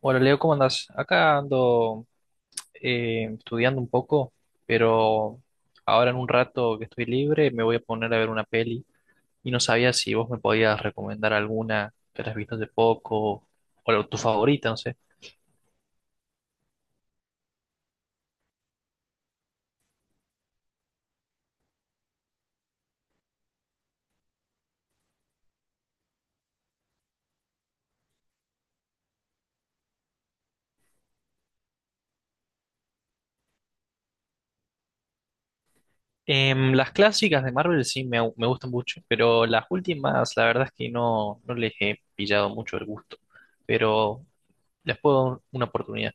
Hola Leo, ¿cómo andas? Acá ando estudiando un poco, pero ahora en un rato que estoy libre me voy a poner a ver una peli y no sabía si vos me podías recomendar alguna que hayas visto hace poco o tu favorita, no sé. Em, las clásicas de Marvel sí me gustan mucho, pero las últimas la verdad es que no, no les he pillado mucho el gusto, pero les puedo dar una oportunidad.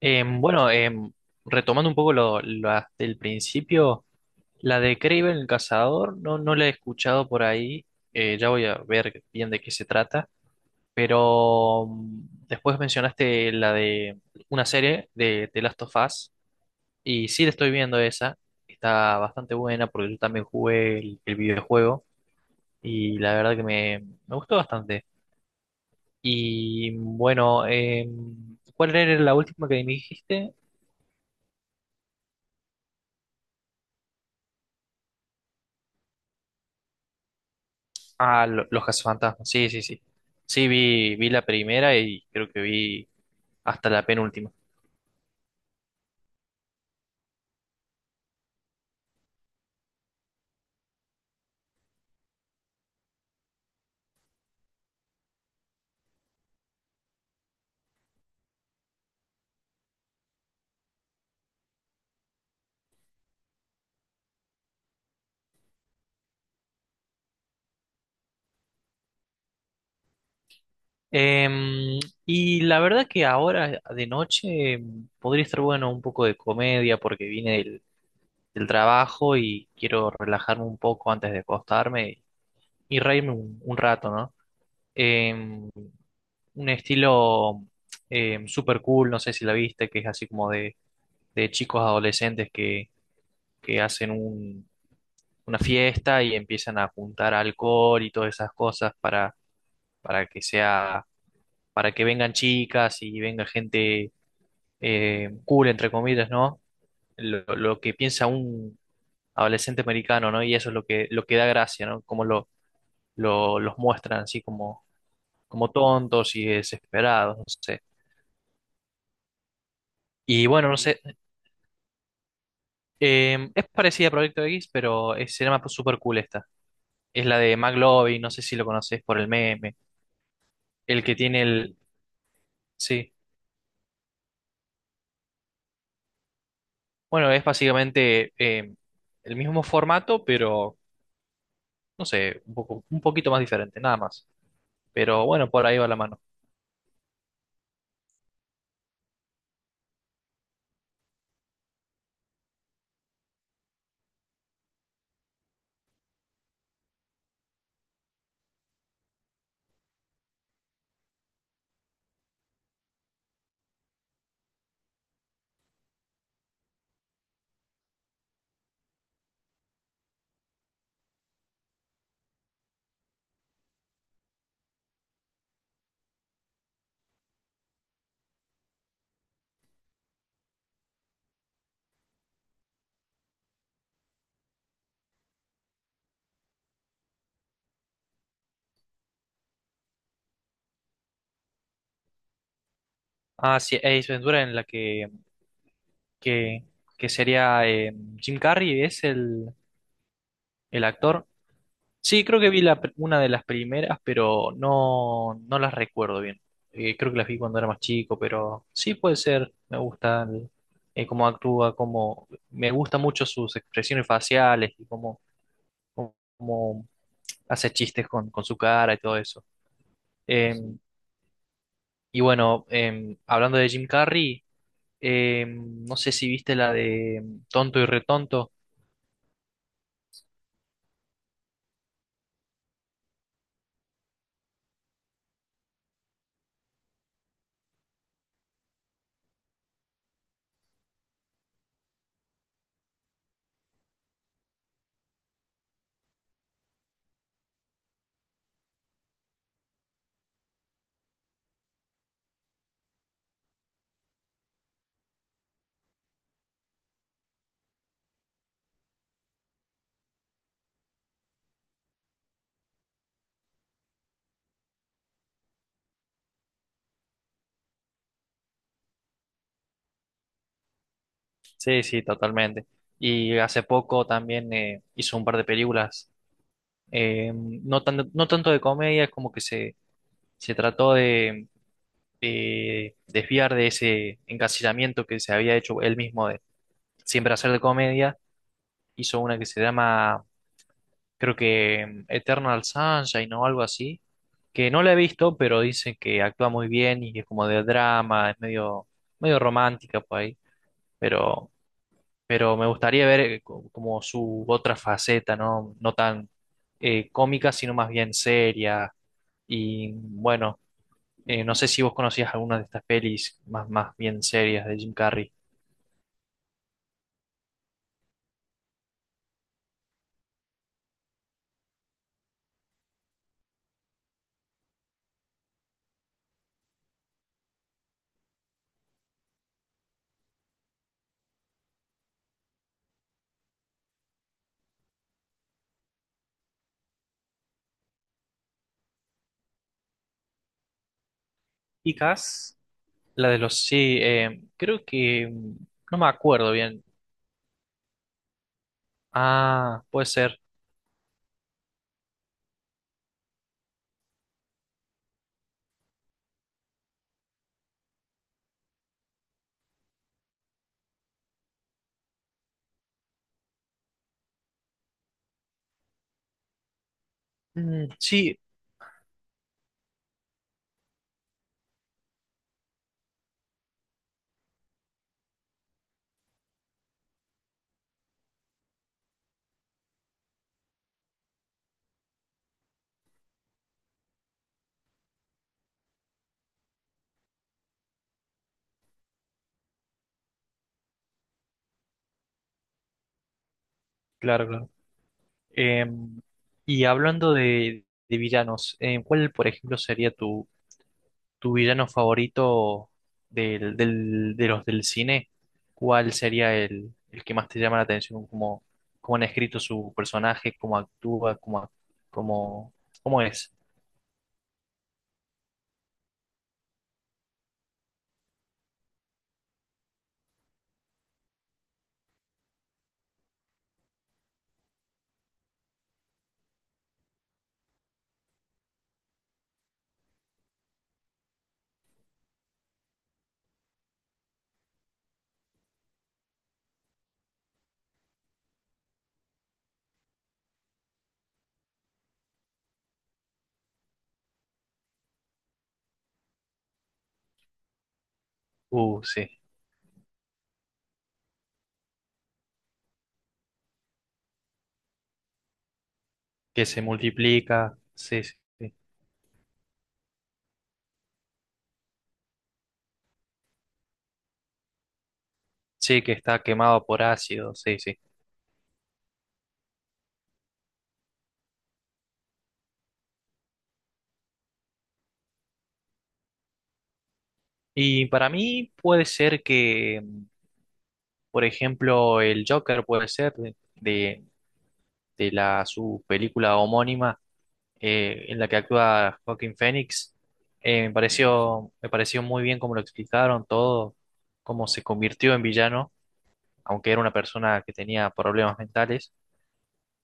Bueno, retomando un poco las del principio. La de Kraven el Cazador, no, no la he escuchado por ahí. Ya voy a ver bien de qué se trata. Pero después mencionaste la de una serie de The Last of Us. Y sí, la estoy viendo esa. Está bastante buena porque yo también jugué el videojuego. Y la verdad que me gustó bastante. Y bueno, em, ¿cuál era la última que me dijiste? Ah, Los Cazafantasmas. Sí, sí, sí. Sí, vi la primera y creo que vi hasta la penúltima. Em, y la verdad que ahora de noche podría estar bueno un poco de comedia porque vine del trabajo y quiero relajarme un poco antes de acostarme y reírme un rato, ¿no? Em, un estilo super cool, no sé si la viste, que es así como de chicos adolescentes que hacen una fiesta y empiezan a juntar alcohol y todas esas cosas para que sea, para que vengan chicas y venga gente cool, entre comillas, ¿no? Lo que piensa un adolescente americano, ¿no? Y eso es lo que da gracia, ¿no? Cómo los muestran así como, como tontos y desesperados, no sé. Y bueno, no sé, es parecida a Proyecto X, pero se llama Super Cool esta. Es la de McLovin, no sé si lo conoces por el meme, el que tiene el... Sí, bueno, es básicamente el mismo formato, pero, no sé, un poco, un poquito más diferente, nada más. Pero bueno, por ahí va la mano. Ah, sí, Ace Ventura en la que, que sería Jim Carrey, es el actor. Sí, creo que vi una de las primeras, pero no, no las recuerdo bien. Creo que las vi cuando era más chico, pero sí puede ser. Me gusta cómo actúa, cómo, me gusta mucho sus expresiones faciales y cómo hace chistes con su cara y todo eso. Eh, y bueno, hablando de Jim Carrey. No sé si viste la de Tonto y Retonto. Sí, sí, totalmente. Y hace poco también hizo un par de películas, no no tanto de comedia, es como que se trató de desviar de ese encasillamiento que se había hecho él mismo de siempre hacer de comedia. Hizo una que se llama, creo que Eternal Sunshine o algo así, que no la he visto, pero dicen que actúa muy bien y es como de drama, es medio romántica por ahí. pero, pero me gustaría ver como su otra faceta, ¿no? No tan cómica, sino más bien seria. Y bueno, no sé si vos conocías alguna de estas pelis más, más bien serias de Jim Carrey. Chicas, la de los, sí, creo que, mm, no me acuerdo bien. Ah, puede ser. Mm, sí, claro, claro. Em, y hablando de villanos, ¿cuál, por ejemplo, sería tu villano favorito de los del cine? ¿Cuál sería el que más te llama la atención? ¿Cómo, cómo han escrito su personaje? ¿Cómo actúa? ¿Cómo, cómo, cómo es? Sí. Que se multiplica. Sí, sí, sí. Sí, que está quemado por ácido. Sí, sí. Y para mí puede ser que, mm, por ejemplo, el Joker puede ser de la, su película homónima en la que actúa Joaquín Phoenix. Me pareció, me pareció muy bien cómo lo explicaron todo, cómo se convirtió en villano, aunque era una persona que tenía problemas mentales.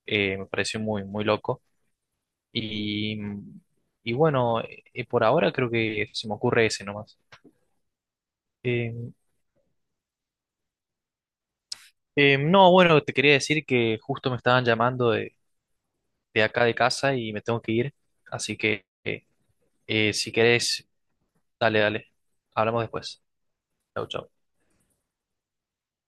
Me pareció muy, muy loco. Y, y bueno, por ahora creo que se me ocurre ese nomás. Eh, no, bueno, te quería decir que justo me estaban llamando de acá de casa y me tengo que ir. Así que si querés, dale, dale. Hablamos después. Chau, chau.